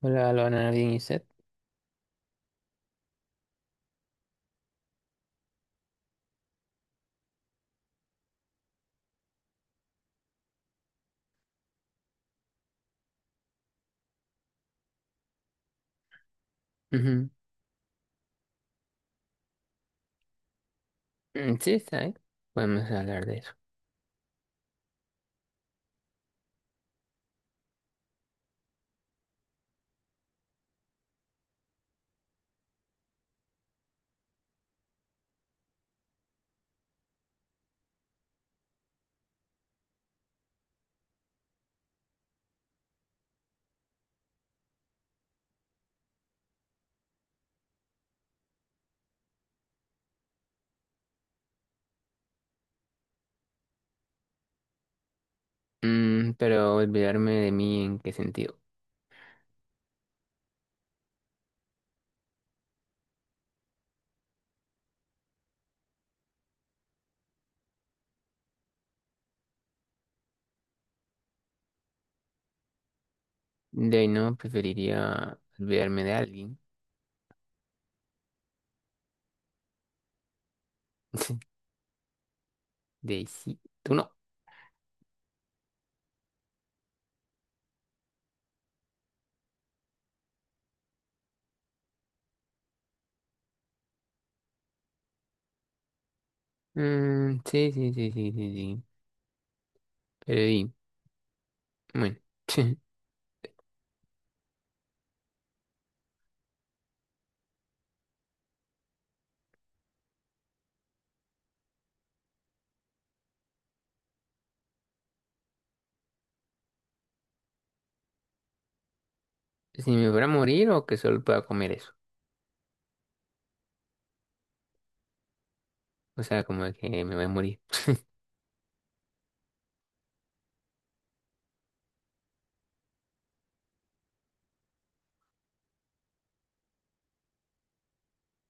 Hola, lo Nadine y Seth. Ujú. Sí, está bien. Podemos hablar de eso. Pero olvidarme de mí, ¿en qué sentido? De ahí no, preferiría olvidarme de alguien. De ahí sí, tú no. Mm, sí, sí, sí, sí, sí, sí. Pero y, bueno, si me fuera a morir o que solo pueda comer eso. O sea, como de que me voy a morir.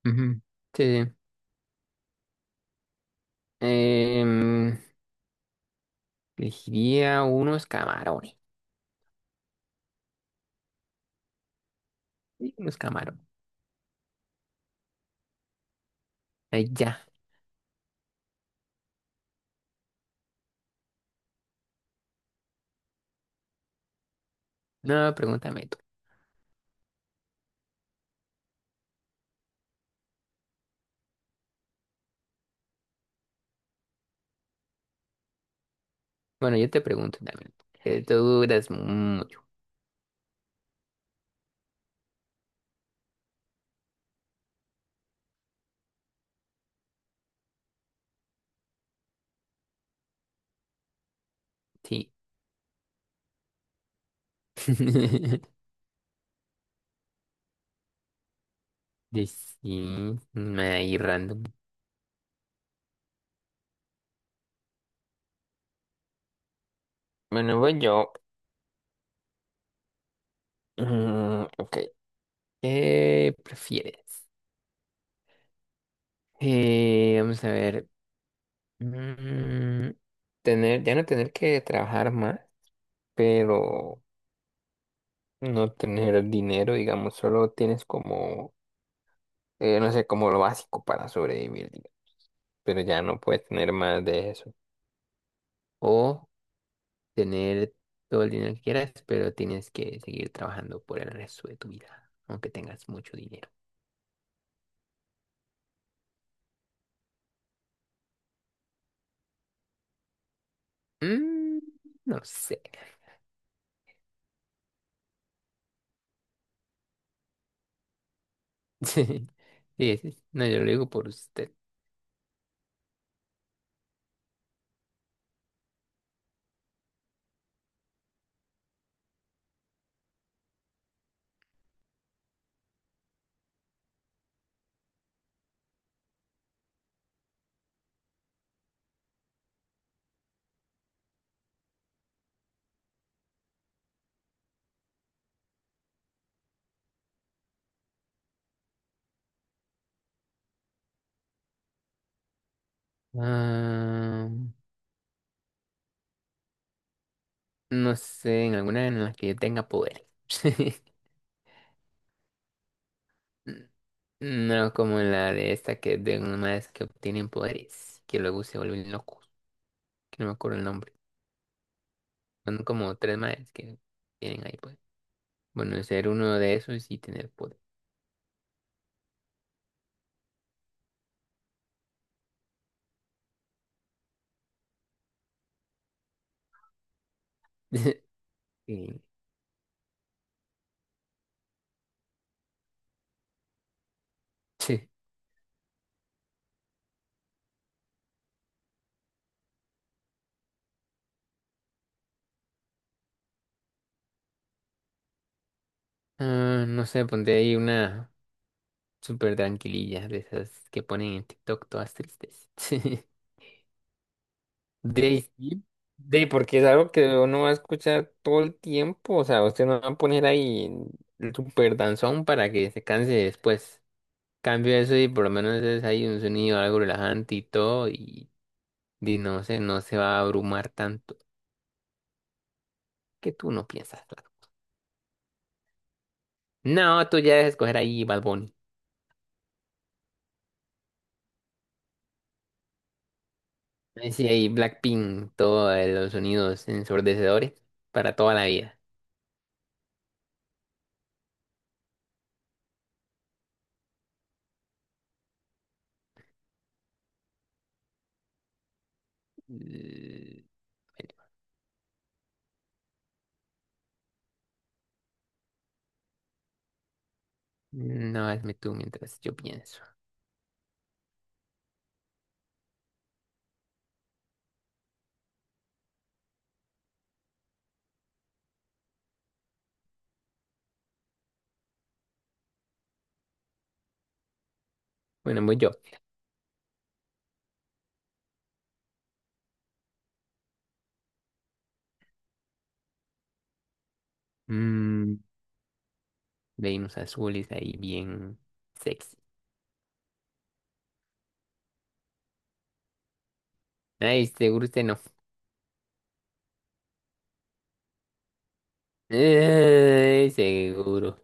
Ujú. Sí, sí. Em, elegiría unos camarones. Sí, unos camarones. Ahí ya. No, pregúntame tú. Bueno, yo te pregunto también. Que tú duras mucho. Sí. De sí. Ahí random. Bueno, voy yo. Ok. ¿Qué prefieres? Vamos a ver. Mm, tener, ya no tener que trabajar más, pero no tener dinero, digamos, solo tienes como, no sé, como lo básico para sobrevivir, digamos, pero ya no puedes tener más de eso. O tener todo el dinero que quieras, pero tienes que seguir trabajando por el resto de tu vida, aunque tengas mucho dinero. Mm, no sé. Sí, sí, sí. No, yo lo digo por usted. Ah, no sé, en alguna en la que yo tenga poder. N- No como en la de esta que es de unos madres que obtienen poderes, que luego se vuelven locos, que no me acuerdo el nombre. Son como tres madres que tienen ahí poder. Bueno, ser uno de esos y tener poder. Sí. Ah, no sé, ponte ahí una súper tranquililla de esas que ponen en TikTok todas tristes. De, sí, de, porque es algo que uno va a escuchar todo el tiempo. O sea, usted no va a poner ahí el súper danzón para que se canse después. Cambio eso y por lo menos es ahí un sonido algo relajante y todo. Y no sé, no se va a abrumar tanto que tú no piensas, claro. No, tú ya debes escoger ahí Bad Bunny. Sí, ahí Blackpink, todos los sonidos ensordecedores para toda la vida. L- No, hazme tú mientras yo pienso. Bueno, voy yo. Mm, Venus azules ahí bien sexy. Ay, seguro usted no. Ay, seguro.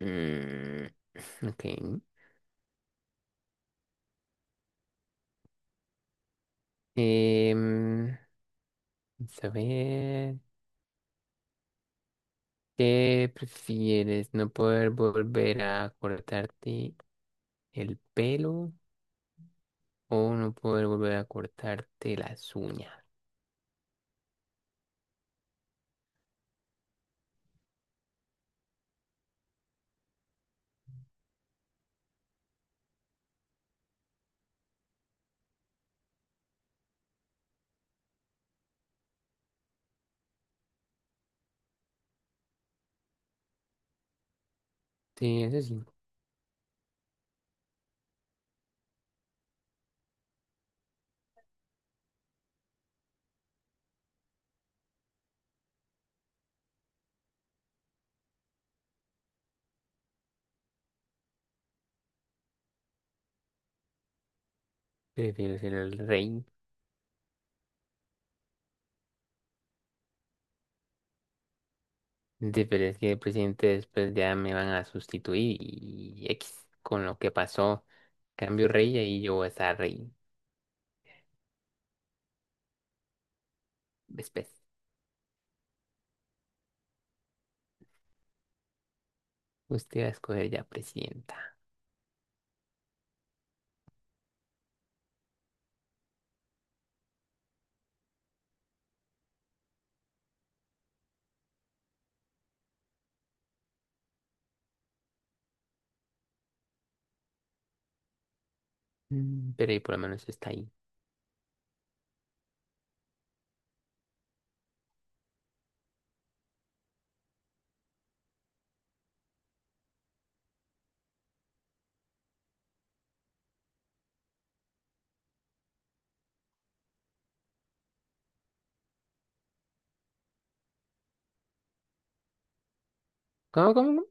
Mm, ok. Em, vamos a ver. ¿Qué prefieres? ¿No poder volver a cortarte el pelo? O no poder volver a cortarte las uñas. Sí, eso sí. Prefiero ser el rey. Sí, pero es que el presidente después ya me van a sustituir y X con lo que pasó. Cambio rey y ahí yo voy a estar rey. Después. Usted va a escoger ya presidenta. Mm, pero ahí por lo menos está ahí. ¿Cómo, cómo,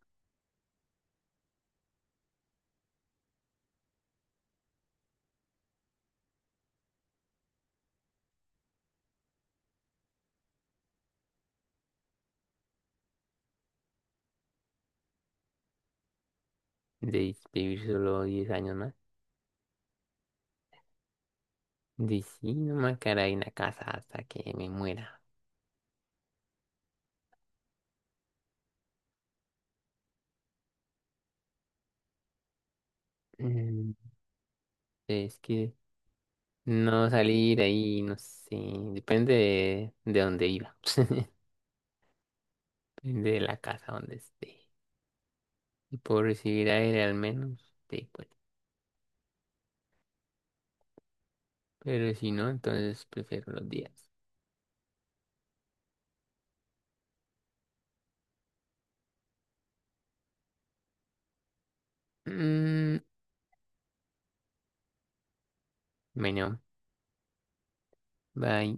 de vivir solo 10 años más. De sí, no me quedaré en la casa hasta que me muera. Mm, Es que no salir ahí, no sé, de dónde viva, depende de la casa donde esté. Y puedo recibir aire al menos, sí, pues. Pero si no, entonces prefiero los días. Mm, bueno, bye.